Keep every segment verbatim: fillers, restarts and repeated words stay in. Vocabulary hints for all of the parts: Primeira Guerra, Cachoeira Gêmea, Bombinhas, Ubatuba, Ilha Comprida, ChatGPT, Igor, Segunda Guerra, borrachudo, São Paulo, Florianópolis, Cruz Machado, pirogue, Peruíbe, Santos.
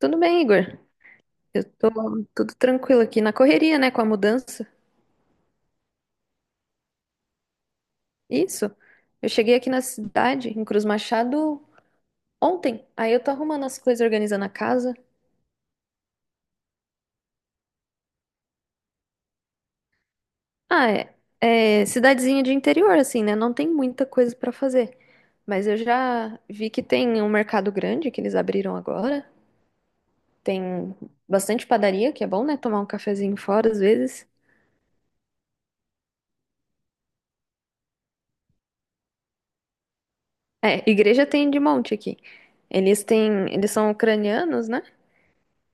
Tudo bem, Igor? Eu tô tudo tranquilo aqui na correria, né, com a mudança. Isso. Eu cheguei aqui na cidade, em Cruz Machado, ontem. Aí eu tô arrumando as coisas, organizando a casa. Ah, é. É cidadezinha de interior, assim, né? Não tem muita coisa pra fazer. Mas eu já vi que tem um mercado grande que eles abriram agora. Tem bastante padaria, que é bom, né? Tomar um cafezinho fora às vezes. É, igreja tem de monte aqui. Eles têm, eles são ucranianos, né?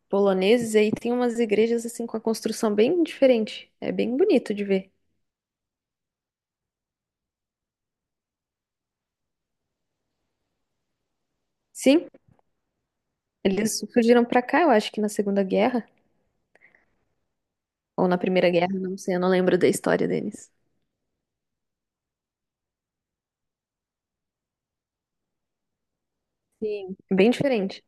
Poloneses, e aí tem umas igrejas assim com a construção bem diferente. É bem bonito de ver. Sim, eles fugiram pra cá, eu acho que na Segunda Guerra ou na Primeira Guerra, não sei, eu não lembro da história deles. Sim. Bem diferente.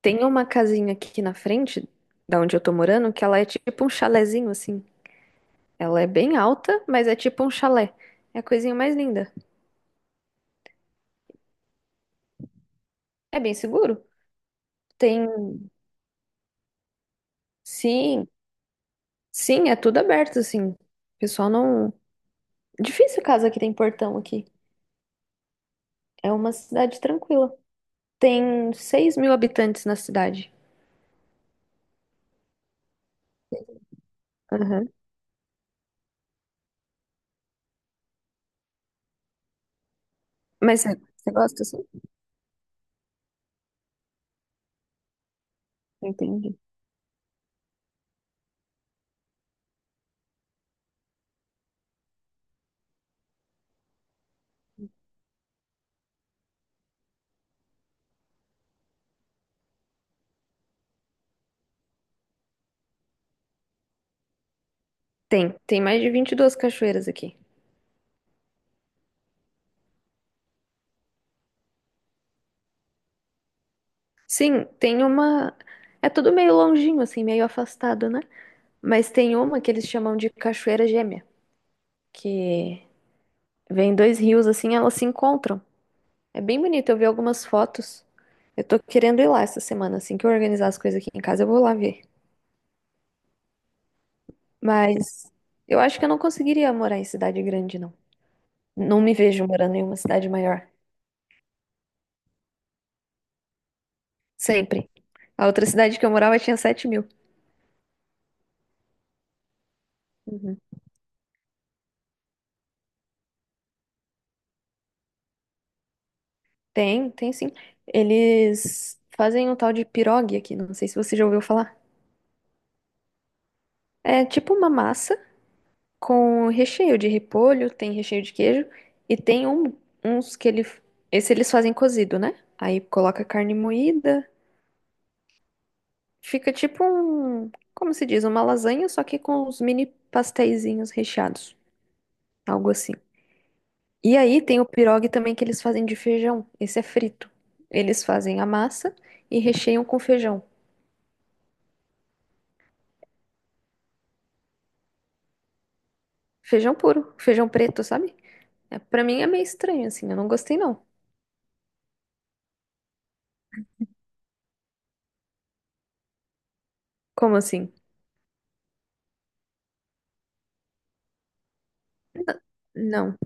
Tem uma casinha aqui na frente, da onde eu tô morando, que ela é tipo um chalezinho assim. Ela é bem alta, mas é tipo um chalé. É a coisinha mais linda. É bem seguro. Tem, sim, sim, é tudo aberto assim. O pessoal não Difícil casa que tem portão aqui. É uma cidade tranquila. Tem seis mil habitantes na cidade. Aham. Mas você você gosta assim? Entendi. Tem, tem mais de vinte e duas cachoeiras aqui. Sim, tem uma. É tudo meio longinho, assim, meio afastado, né? Mas tem uma que eles chamam de Cachoeira Gêmea, que vem dois rios assim, elas se encontram. É bem bonito, eu vi algumas fotos. Eu tô querendo ir lá essa semana, assim que eu organizar as coisas aqui em casa, eu vou lá ver. Mas eu acho que eu não conseguiria morar em cidade grande, não. Não me vejo morando em uma cidade maior. Sempre. A outra cidade que eu morava tinha sete mil. Uhum. Tem, tem sim. Eles fazem um tal de pirogue aqui, não sei se você já ouviu falar. É tipo uma massa com recheio de repolho, tem recheio de queijo e tem um- uns que ele, esse eles fazem cozido, né? Aí coloca carne moída, fica tipo um, como se diz, uma lasanha, só que com uns mini pasteizinhos recheados, algo assim. E aí tem o pirogue também que eles fazem de feijão. Esse é frito. Eles fazem a massa e recheiam com feijão. Feijão puro, feijão preto, sabe? É, para mim é meio estranho assim, eu não gostei não. Como assim? N- Não.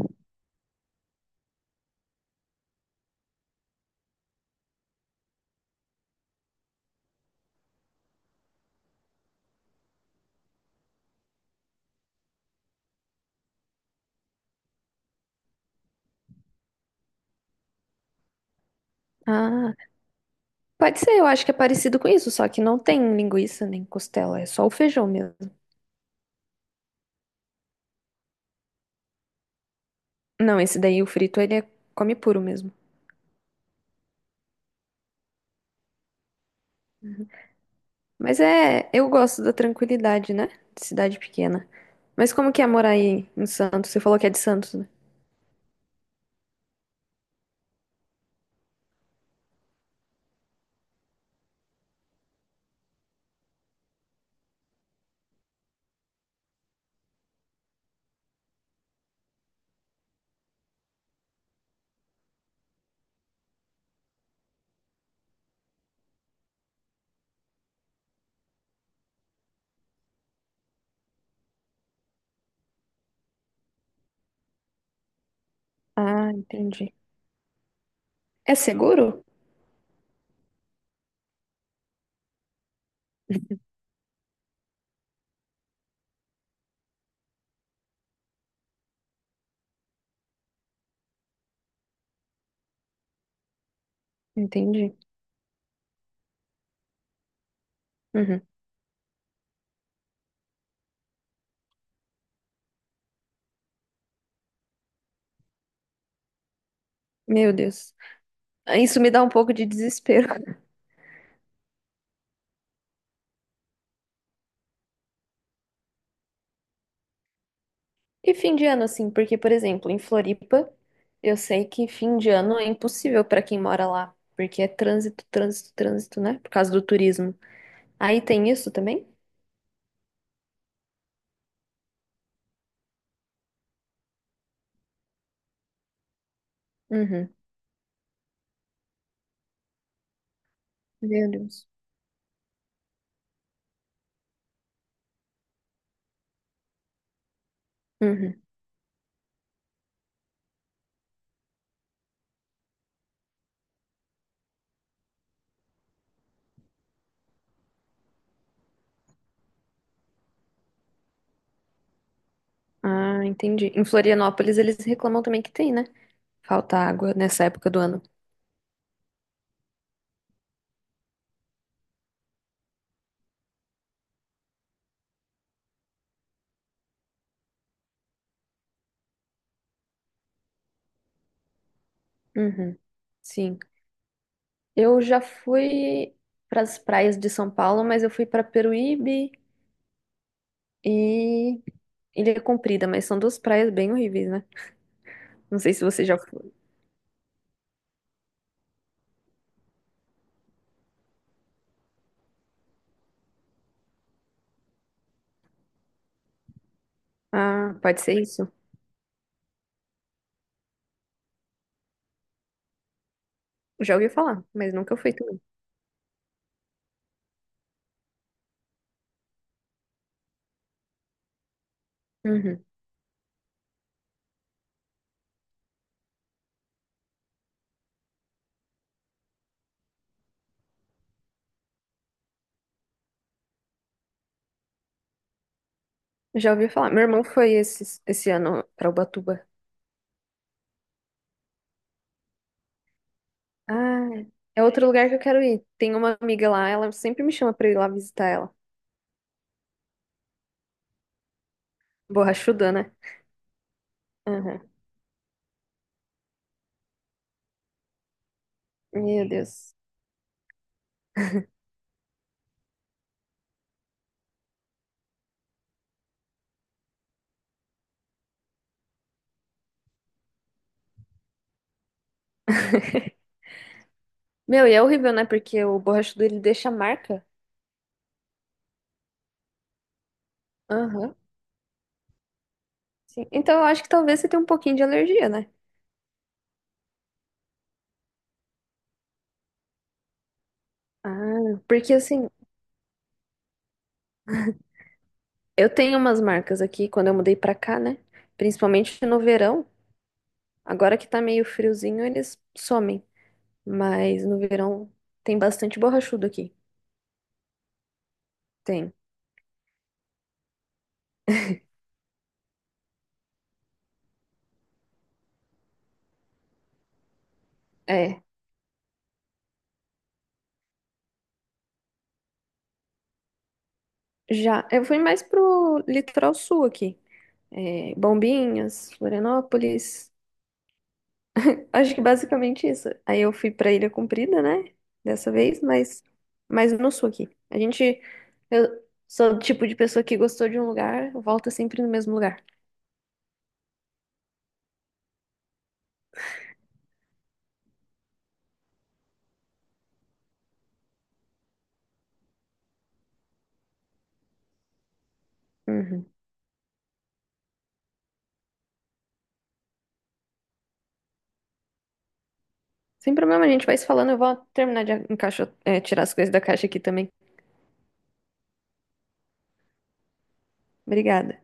Ah, pode ser, eu acho que é parecido com isso, só que não tem linguiça nem costela, é só o feijão mesmo. Não, esse daí o frito ele é, come puro mesmo. Mas é, eu gosto da tranquilidade, né? De cidade pequena. Mas como que é morar aí em Santos? Você falou que é de Santos, né? Ah, entendi. É seguro? Entendi. Uhum. Meu Deus. Isso me dá um pouco de desespero. E fim de ano, assim, porque, por exemplo, em Floripa, eu sei que fim de ano é impossível pra quem mora lá, porque é trânsito, trânsito, trânsito, né? Por causa do turismo. Aí tem isso também? Uhum. Meu Deus. Uhum. Ah, entendi. Em Florianópolis, eles reclamam também que tem, né? Falta água nessa época do ano. Uhum. Sim. Eu já fui para as praias de São Paulo, mas eu fui para Peruíbe, e Ilha é Comprida, mas são duas praias bem horríveis, né? Não sei se você já foi. Ah, pode ser isso? Já ouvi falar, mas nunca fui também. Uhum. Já ouvi falar. Meu irmão foi esse, esse ano pra Ubatuba. Ah, é outro lugar que eu quero ir. Tem uma amiga lá, ela sempre me chama pra ir lá visitar ela. Borrachuda, né? Aham. Meu Deus. Meu, e é horrível, né? Porque o borrachudo ele deixa marca. Aham. Sim. Então eu acho que talvez você tenha um pouquinho de alergia, né? Ah, porque assim, eu tenho umas marcas aqui quando eu mudei pra cá, né? Principalmente no verão. Agora que tá meio friozinho, eles somem. Mas no verão tem bastante borrachudo aqui. Tem. É. Já. Eu fui mais pro litoral sul aqui. É, Bombinhas, Florianópolis. Acho que basicamente isso. Aí eu fui pra Ilha Comprida, né? Dessa vez, mas, mas no sul aqui. A gente. Eu sou o tipo de pessoa que gostou de um lugar, volta sempre no mesmo lugar. Uhum. Sem problema, a gente vai se falando. Eu vou terminar de encaixo- é, tirar as coisas da caixa aqui também. Obrigada.